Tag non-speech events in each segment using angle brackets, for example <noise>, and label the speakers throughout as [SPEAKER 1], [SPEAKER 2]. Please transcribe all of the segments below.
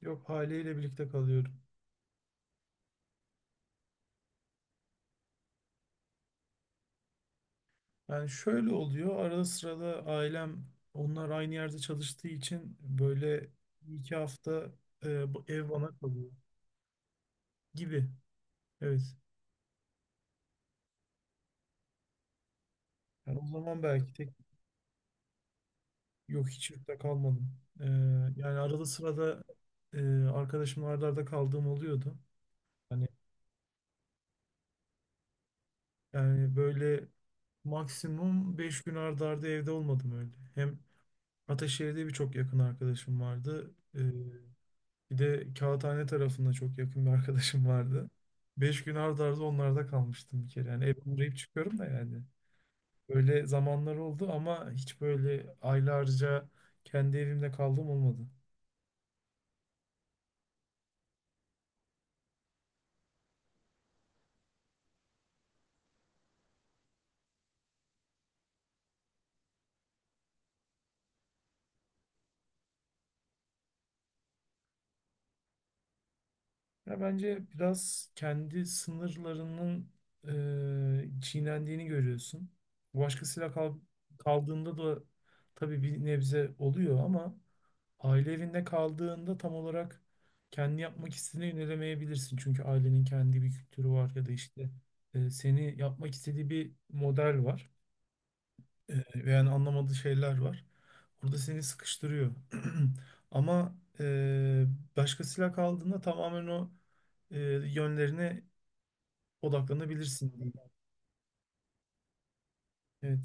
[SPEAKER 1] Yok, haliyle birlikte kalıyorum. Yani şöyle oluyor, arada sırada ailem, onlar aynı yerde çalıştığı için böyle 2 hafta bu ev bana kalıyor gibi. Evet. Yani o zaman belki tek, yok hiç yurtta kalmadım. E, Yani arada sırada, e, arkadaşımla arda arda kaldığım oluyordu. Hani yani böyle maksimum 5 gün arda arda evde olmadım öyle. Hem Ataşehir'de birçok yakın arkadaşım vardı. Bir de Kağıthane tarafında çok yakın bir <laughs> arkadaşım vardı. 5 gün ard arda onlarda kalmıştım bir kere. Yani ev uğrayıp çıkıyorum da yani. Böyle zamanlar oldu ama hiç böyle aylarca kendi evimde kaldığım olmadı. Ya bence biraz kendi sınırlarının çiğnendiğini görüyorsun. Başkasıyla kal Kaldığında da tabii bir nebze oluyor ama aile evinde kaldığında tam olarak kendi yapmak istediğini yönelemeyebilirsin. Çünkü ailenin kendi bir kültürü var, ya da işte seni yapmak istediği bir model var. Ve yani anlamadığı şeyler var. Orada seni sıkıştırıyor. <clears throat> Ama başkasıyla kaldığında tamamen o yönlerine odaklanabilirsin diyeyim. Evet.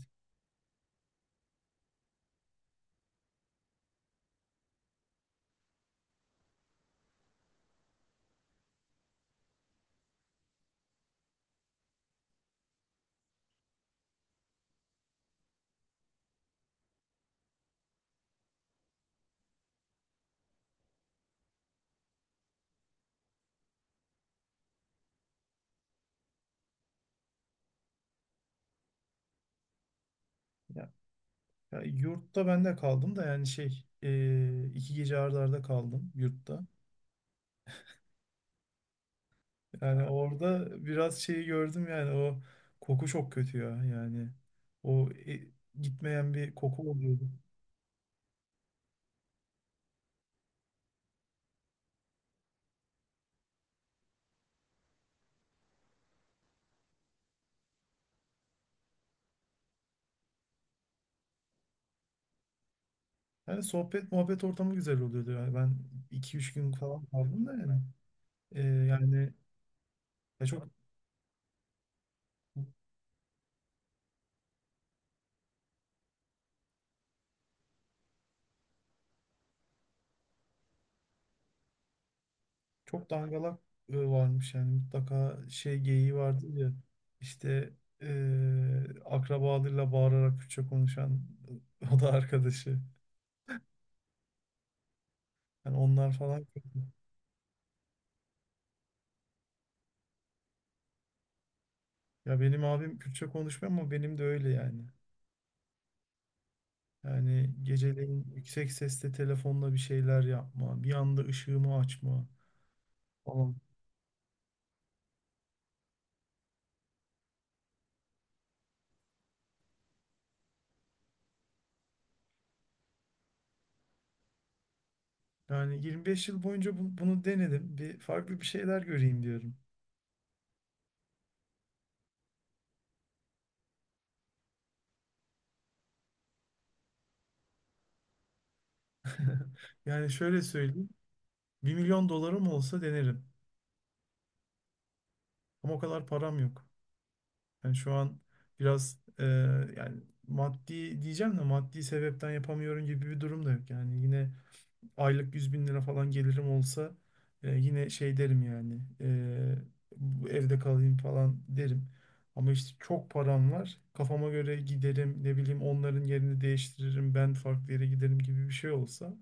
[SPEAKER 1] Ya, ya yurtta ben de kaldım da, yani şey, 2 gece arda arda kaldım yurtta. Yani orada biraz şeyi gördüm, yani o koku çok kötü ya yani. O gitmeyen bir koku oluyordu. Yani sohbet muhabbet ortamı güzel oluyordu, yani ben 2 3 gün falan kaldım da yani. E, yani Ya çok çok dangalak varmış, yani mutlaka şey geyiği vardı ya, işte akrabalarıyla bağırarak Kürtçe konuşan <laughs> o da arkadaşı. Yani onlar falan kötü. Ya benim abim Kürtçe konuşmuyor ama benim de öyle yani. Yani geceleyin yüksek sesle telefonla bir şeyler yapma, bir anda ışığımı açma falan. Yani 25 yıl boyunca bunu denedim. Bir farklı bir şeyler göreyim diyorum. <laughs> Yani şöyle söyleyeyim, 1.000.000 dolarım olsa denerim. Ama o kadar param yok. Yani şu an biraz yani maddi diyeceğim de, maddi sebepten yapamıyorum gibi bir durum da yok. Yani yine aylık 100.000 lira falan gelirim olsa, yine şey derim yani, bu evde kalayım falan derim. Ama işte çok param var, kafama göre giderim, ne bileyim, onların yerini değiştiririm, ben farklı yere giderim gibi bir şey olsa,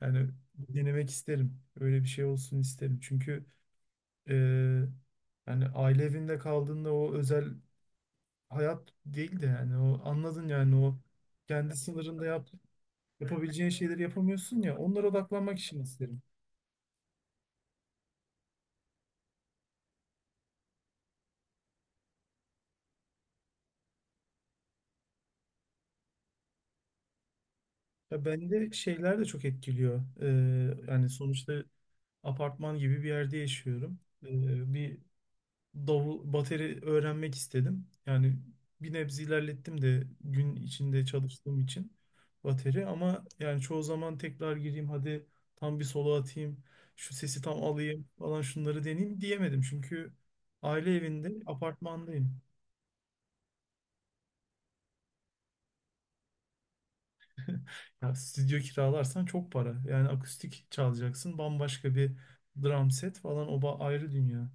[SPEAKER 1] yani denemek isterim. Öyle bir şey olsun isterim. Çünkü e, aile evinde kaldığında o özel hayat değil de, yani o anladın yani o kendi sınırında yapabileceğin şeyleri yapamıyorsun ya, onlara odaklanmak için isterim. Ya bende şeyler de çok etkiliyor. Yani sonuçta apartman gibi bir yerde yaşıyorum. Bir davul, bateri öğrenmek istedim. Yani bir nebze ilerlettim de, gün içinde çalıştığım için bateri. Ama yani çoğu zaman tekrar gireyim hadi, tam bir solo atayım, şu sesi tam alayım falan, şunları deneyeyim diyemedim. Çünkü aile evinde, apartmandayım. <laughs> Ya stüdyo kiralarsan çok para. Yani akustik çalacaksın. Bambaşka bir drum set falan, ayrı dünya.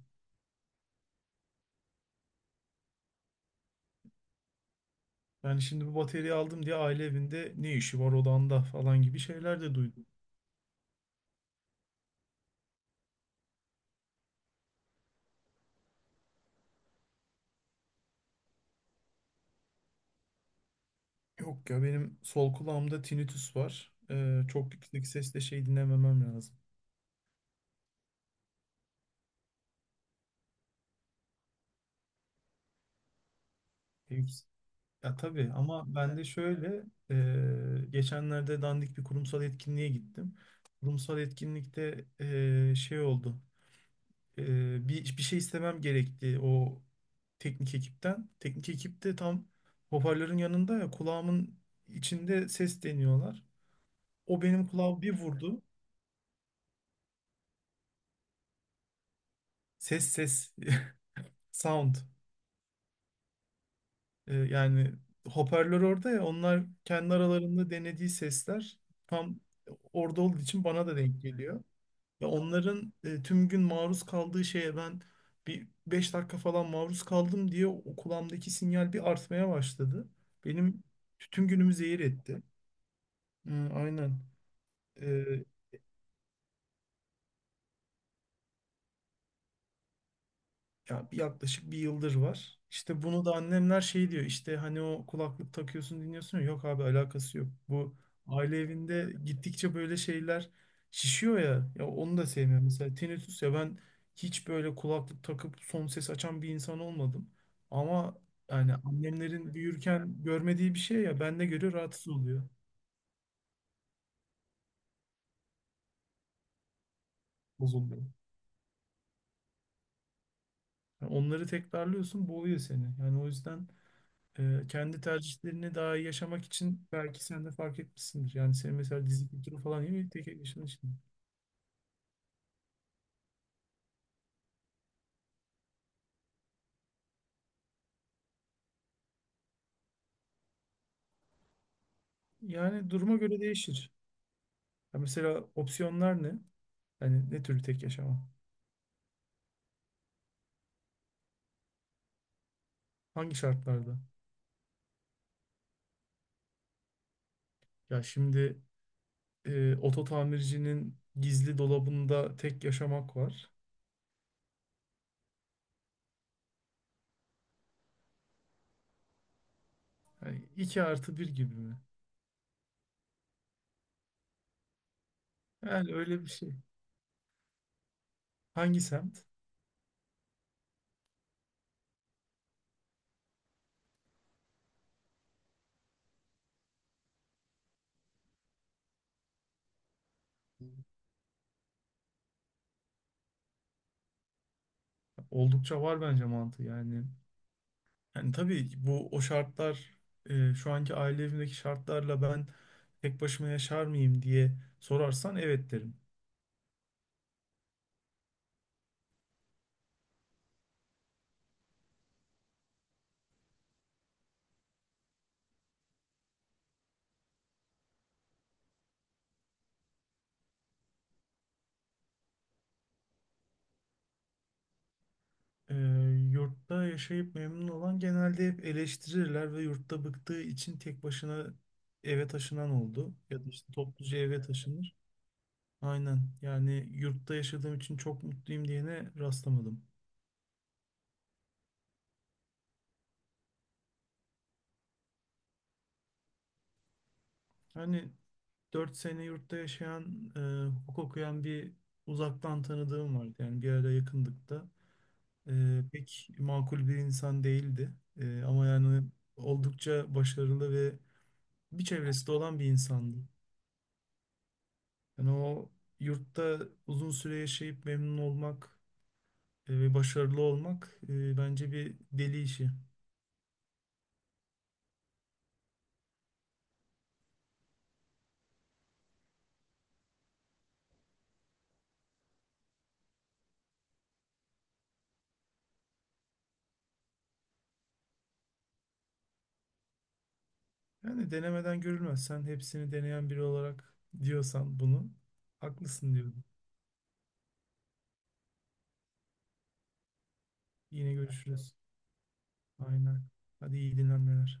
[SPEAKER 1] Yani şimdi bu bataryayı aldım diye aile evinde ne işi var odanda falan gibi şeyler de duydum. Yok ya, benim sol kulağımda tinnitus var. Çok yüksek sesle şey dinlememem lazım. E, yüks- Ya tabii ama ben de şöyle, geçenlerde dandik bir kurumsal etkinliğe gittim. Kurumsal etkinlikte şey oldu. Bir şey istemem gerekti o teknik ekipten. Teknik ekip de tam hoparlörün yanında ya, kulağımın içinde ses deniyorlar. O benim kulağım bir vurdu. Ses <laughs> sound. Yani hoparlör orada ya, onlar kendi aralarında denediği sesler tam orada olduğu için bana da denk geliyor. Ya onların tüm gün maruz kaldığı şeye ben bir 5 dakika falan maruz kaldım diye o kulağımdaki sinyal bir artmaya başladı. Benim tüm günümü zehir etti. Hı, aynen. Yaklaşık bir yıldır var. İşte bunu da annemler şey diyor, işte hani o kulaklık takıyorsun dinliyorsun ya, yok abi alakası yok. Bu aile evinde gittikçe böyle şeyler şişiyor ya, onu da sevmiyorum. Mesela tinnitus ya, ben hiç böyle kulaklık takıp son ses açan bir insan olmadım. Ama yani annemlerin büyürken görmediği bir şey ya, bende göre rahatsız oluyor, bozuluyor. Yani onları tekrarlıyorsun, boğuyor seni. Yani o yüzden kendi tercihlerini daha iyi yaşamak için belki sen de fark etmişsindir. Yani senin mesela dizi kültürü falan iyi mi? Tek yaşadığın için. Yani duruma göre değişir. Ya mesela opsiyonlar ne? Yani ne türlü tek yaşama? Hangi şartlarda? Ya şimdi oto tamircinin gizli dolabında tek yaşamak var. Yani 2 artı bir gibi mi? Yani öyle bir şey. Hangi semt? Oldukça var bence mantığı yani. Yani tabii bu o şartlar, şu anki aile evimdeki şartlarla ben tek başıma yaşar mıyım diye sorarsan evet derim. E, Yurtta yaşayıp memnun olan genelde hep eleştirirler ve yurtta bıktığı için tek başına eve taşınan oldu. Ya da işte topluca eve taşınır. Aynen, yani yurtta yaşadığım için çok mutluyum diyene rastlamadım. Hani 4 sene yurtta yaşayan, hukuk okuyan bir uzaktan tanıdığım vardı. Yani bir ara yakındık da. Pek makul bir insan değildi. Ama yani oldukça başarılı ve bir çevresi de olan bir insandı. Yani o yurtta uzun süre yaşayıp memnun olmak ve başarılı olmak, bence bir deli işi. Yani denemeden görülmez. Sen hepsini deneyen biri olarak diyorsan bunu, haklısın diyorum. Yine görüşürüz. Aynen. Hadi iyi dinlenmeler.